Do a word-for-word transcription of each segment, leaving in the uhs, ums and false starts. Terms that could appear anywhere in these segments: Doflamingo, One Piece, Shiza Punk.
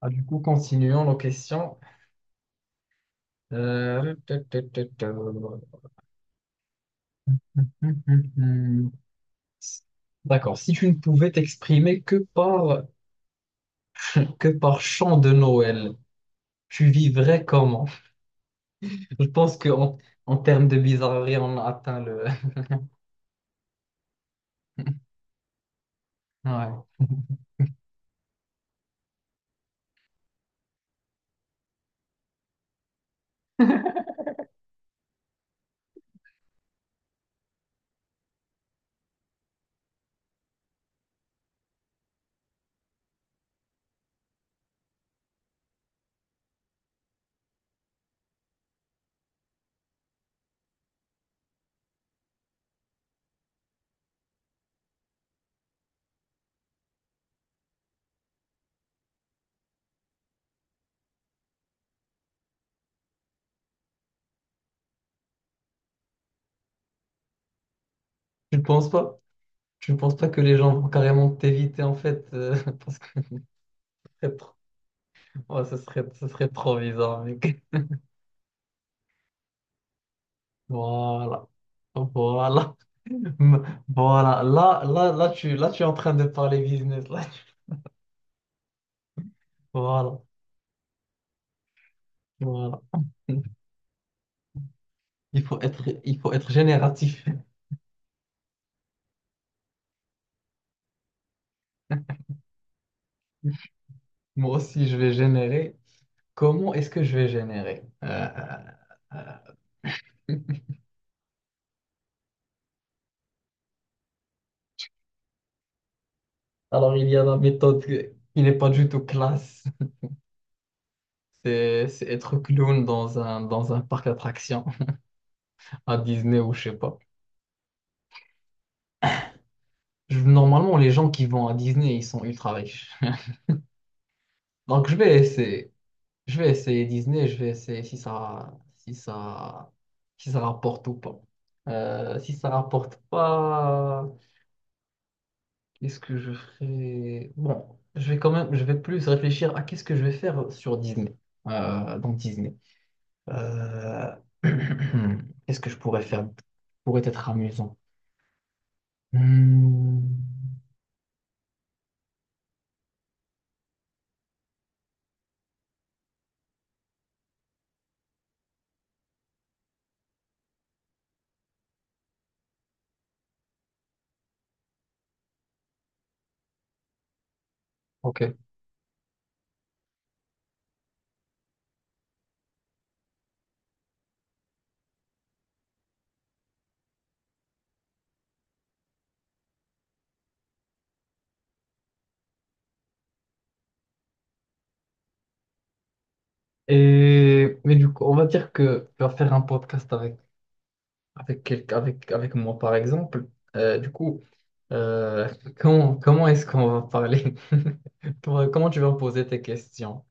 Ah, du coup, continuons nos questions. Euh, ta, ta, ta, ta. Hum, hum, hum. D'accord. Si tu ne pouvais t'exprimer que par que par chant de Noël, tu vivrais comment? Je pense que en, en termes de bizarrerie, on a atteint le. Ouais. Tu ne penses pas? Tu ne penses pas que les gens vont carrément t'éviter en fait euh, parce que ce trop, ouais, ce serait, ce serait trop bizarre, mec. Voilà. Voilà. Voilà, là, là, là, tu, là, tu es en train de parler business. Là, tu- Voilà, voilà. Il faut être, il faut être génératif. Moi aussi, je vais générer. Comment est-ce que je vais générer? Euh, euh, euh. Alors, il y a la méthode qui qui n'est pas du tout classe. C'est, c'est être clown dans un, dans un parc d'attractions à Disney ou je sais pas. Je- Normalement, les gens qui vont à Disney, ils sont ultra riches. Donc, je vais essayer. Je vais essayer Disney, je vais essayer si ça, si ça, si ça rapporte ou pas. Euh, si ça rapporte pas, qu'est-ce que je ferai? Bon, je vais quand même, je vais plus réfléchir à qu'est-ce que je vais faire sur Disney, euh, dans Disney. Euh, qu'est-ce que je pourrais faire? Qui pourrait être amusant. Hmm, ok. Et mais du coup, on va dire que tu vas faire un podcast avec avec, quel- avec, avec moi, par exemple. Euh, du coup, euh, comment, comment est-ce qu'on va parler? Toi, comment tu vas poser tes questions?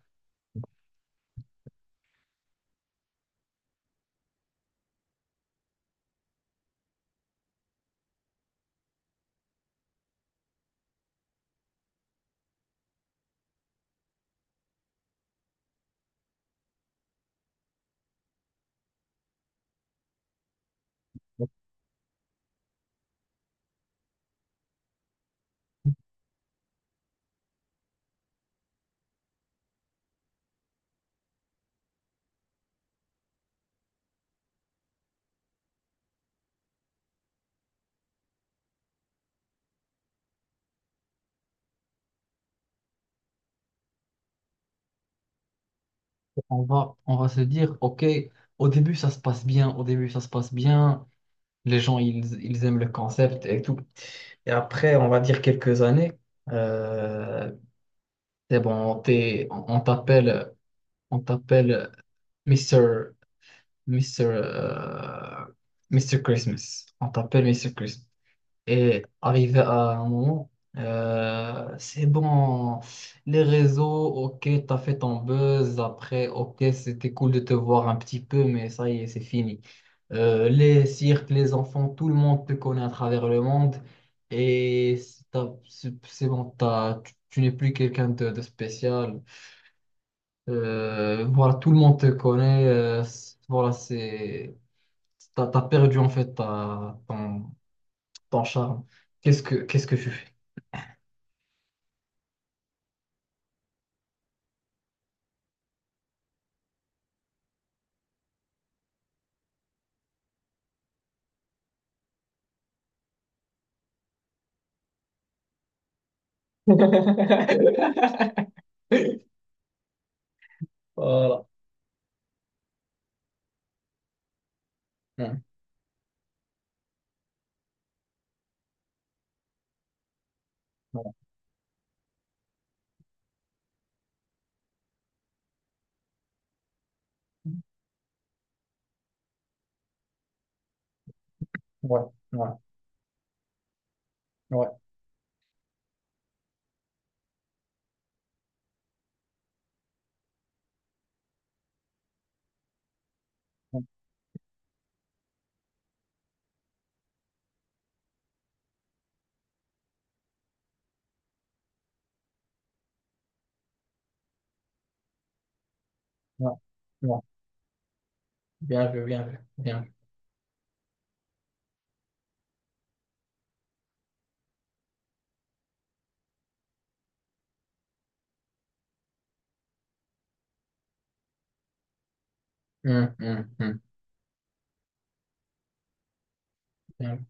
On va, on va se dire, OK, au début, ça se passe bien, au début, ça se passe bien, les gens, ils, ils aiment le concept et tout. Et après, on va dire quelques années, euh, c'est bon, t'es- on on t'appelle, on t'appelle Mister Mister euh, monsieur Christmas. On t'appelle Mister Christmas. Et arrivé à un moment, euh, c'est bon, les réseaux, ok, t'as fait ton buzz, après, ok, c'était cool de te voir un petit peu, mais ça y est, c'est fini. Euh, les cirques, les enfants, tout le monde te connaît à travers le monde, et c'est t'as- c'est- c'est bon, t'as- tu, tu n'es plus quelqu'un de, de spécial. Euh, voilà, tout le monde te connaît, euh, c'est- voilà, c'est, t'as, t'as perdu en fait ta- ton, ton charme. Qu'est-ce que, qu'est-ce que tu fais? Voilà. Hum, voilà. Ouais, ouais, ouais, ouais, ouais, ouais. Bien vu, bien vu, bien vu. Hum, hum, hum, bien,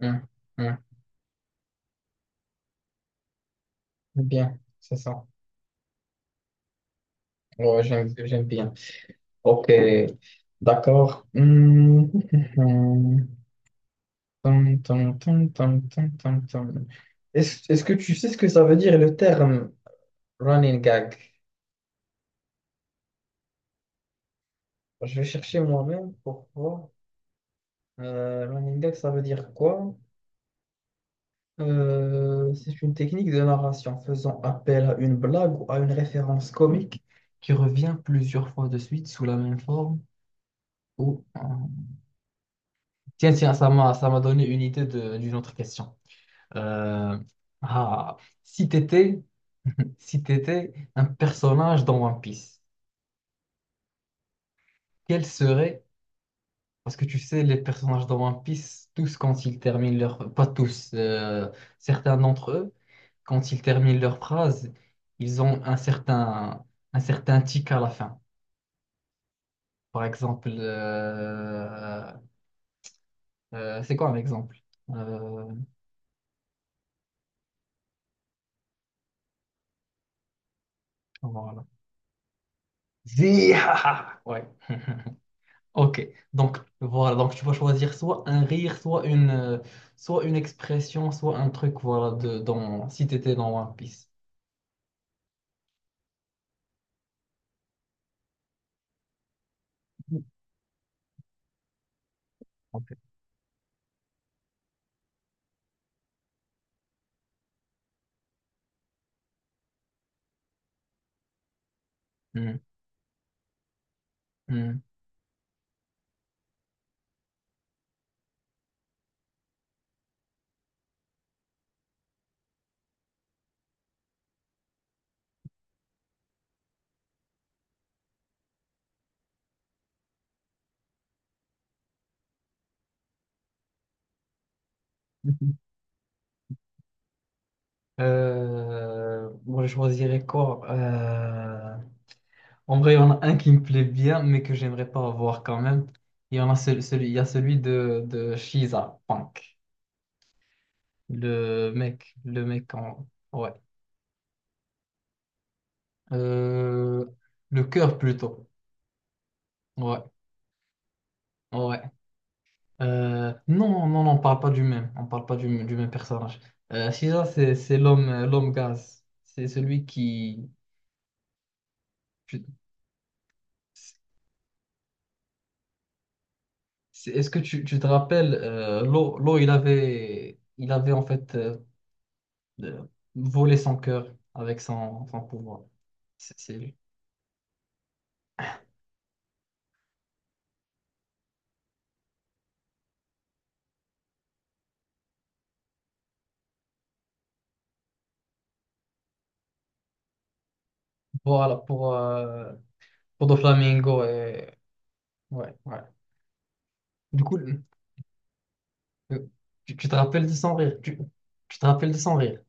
hum, hum. Bien, c'est ça. Ouais, j'aime, j'aime bien. Ok, d'accord. Hum, hum, hum. Tum, tum, tum, tum, tum, tum, tum. Est-ce, est-ce que tu sais ce que ça veut dire le terme running gag? Je vais chercher moi-même pour pourquoi. Running gag, ça veut dire quoi? Euh, c'est une technique de narration faisant appel à une blague ou à une référence comique qui revient plusieurs fois de suite sous la même forme. Ou, euh, Tiens, tiens, ça m'a, ça m'a donné une idée de- d'une autre question. Euh, ah, si t'étais, si t'étais un personnage dans One Piece, quel serait parce que tu sais, les personnages dans One Piece, tous quand ils terminent leur... Pas tous, euh, certains d'entre eux, quand ils terminent leur phrase, ils ont un certain, un certain tic à la fin. Par exemple, euh, euh, c'est quoi un exemple? Euh, voilà. Zihaha. Ouais. Ok. Donc voilà. Donc tu vas choisir soit un rire, soit une, euh, soit une expression, soit un truc. Voilà. De dans si t'étais dans One Piece. Ok. Hmm, hmm. Euh, moi, je choisirais quoi? Euh, en vrai, il y en a un qui me plaît bien, mais que j'aimerais pas avoir quand même. Il y en a celui, celui- il y a celui de, de Shiza Punk. Le mec, le mec en... Ouais. Euh, le cœur plutôt. Ouais, ouais. Euh, non, non, non, on parle pas du même. On parle pas du, du même personnage. Euh, Shiza, c'est, c'est l'homme, euh, l'homme gaz. C'est celui qui... C'est- est-ce que tu, tu te rappelles, euh, Lo, Lo, il avait, il avait en fait euh, euh, volé son cœur avec son, son pouvoir. C'est c'est lui. Voilà, pour, euh, pour Doflamingo. Et... Ouais, ouais. Du coup, le- le- tu, tu te rappelles de son rire. Tu, tu te rappelles de son rire.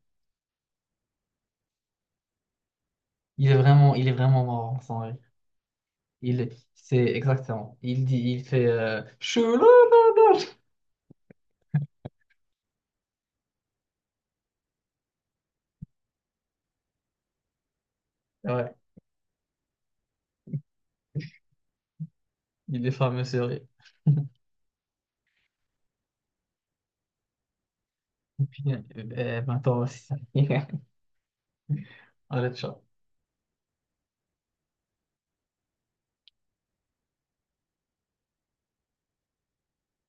Il est vraiment, il est vraiment marrant, son rire. Il, est- c'est exactement. Il dit, il fait euh, Chouloulou. Ouais, il est fameux, ce rire. Bien, eh ben, toi aussi. Allez, ciao.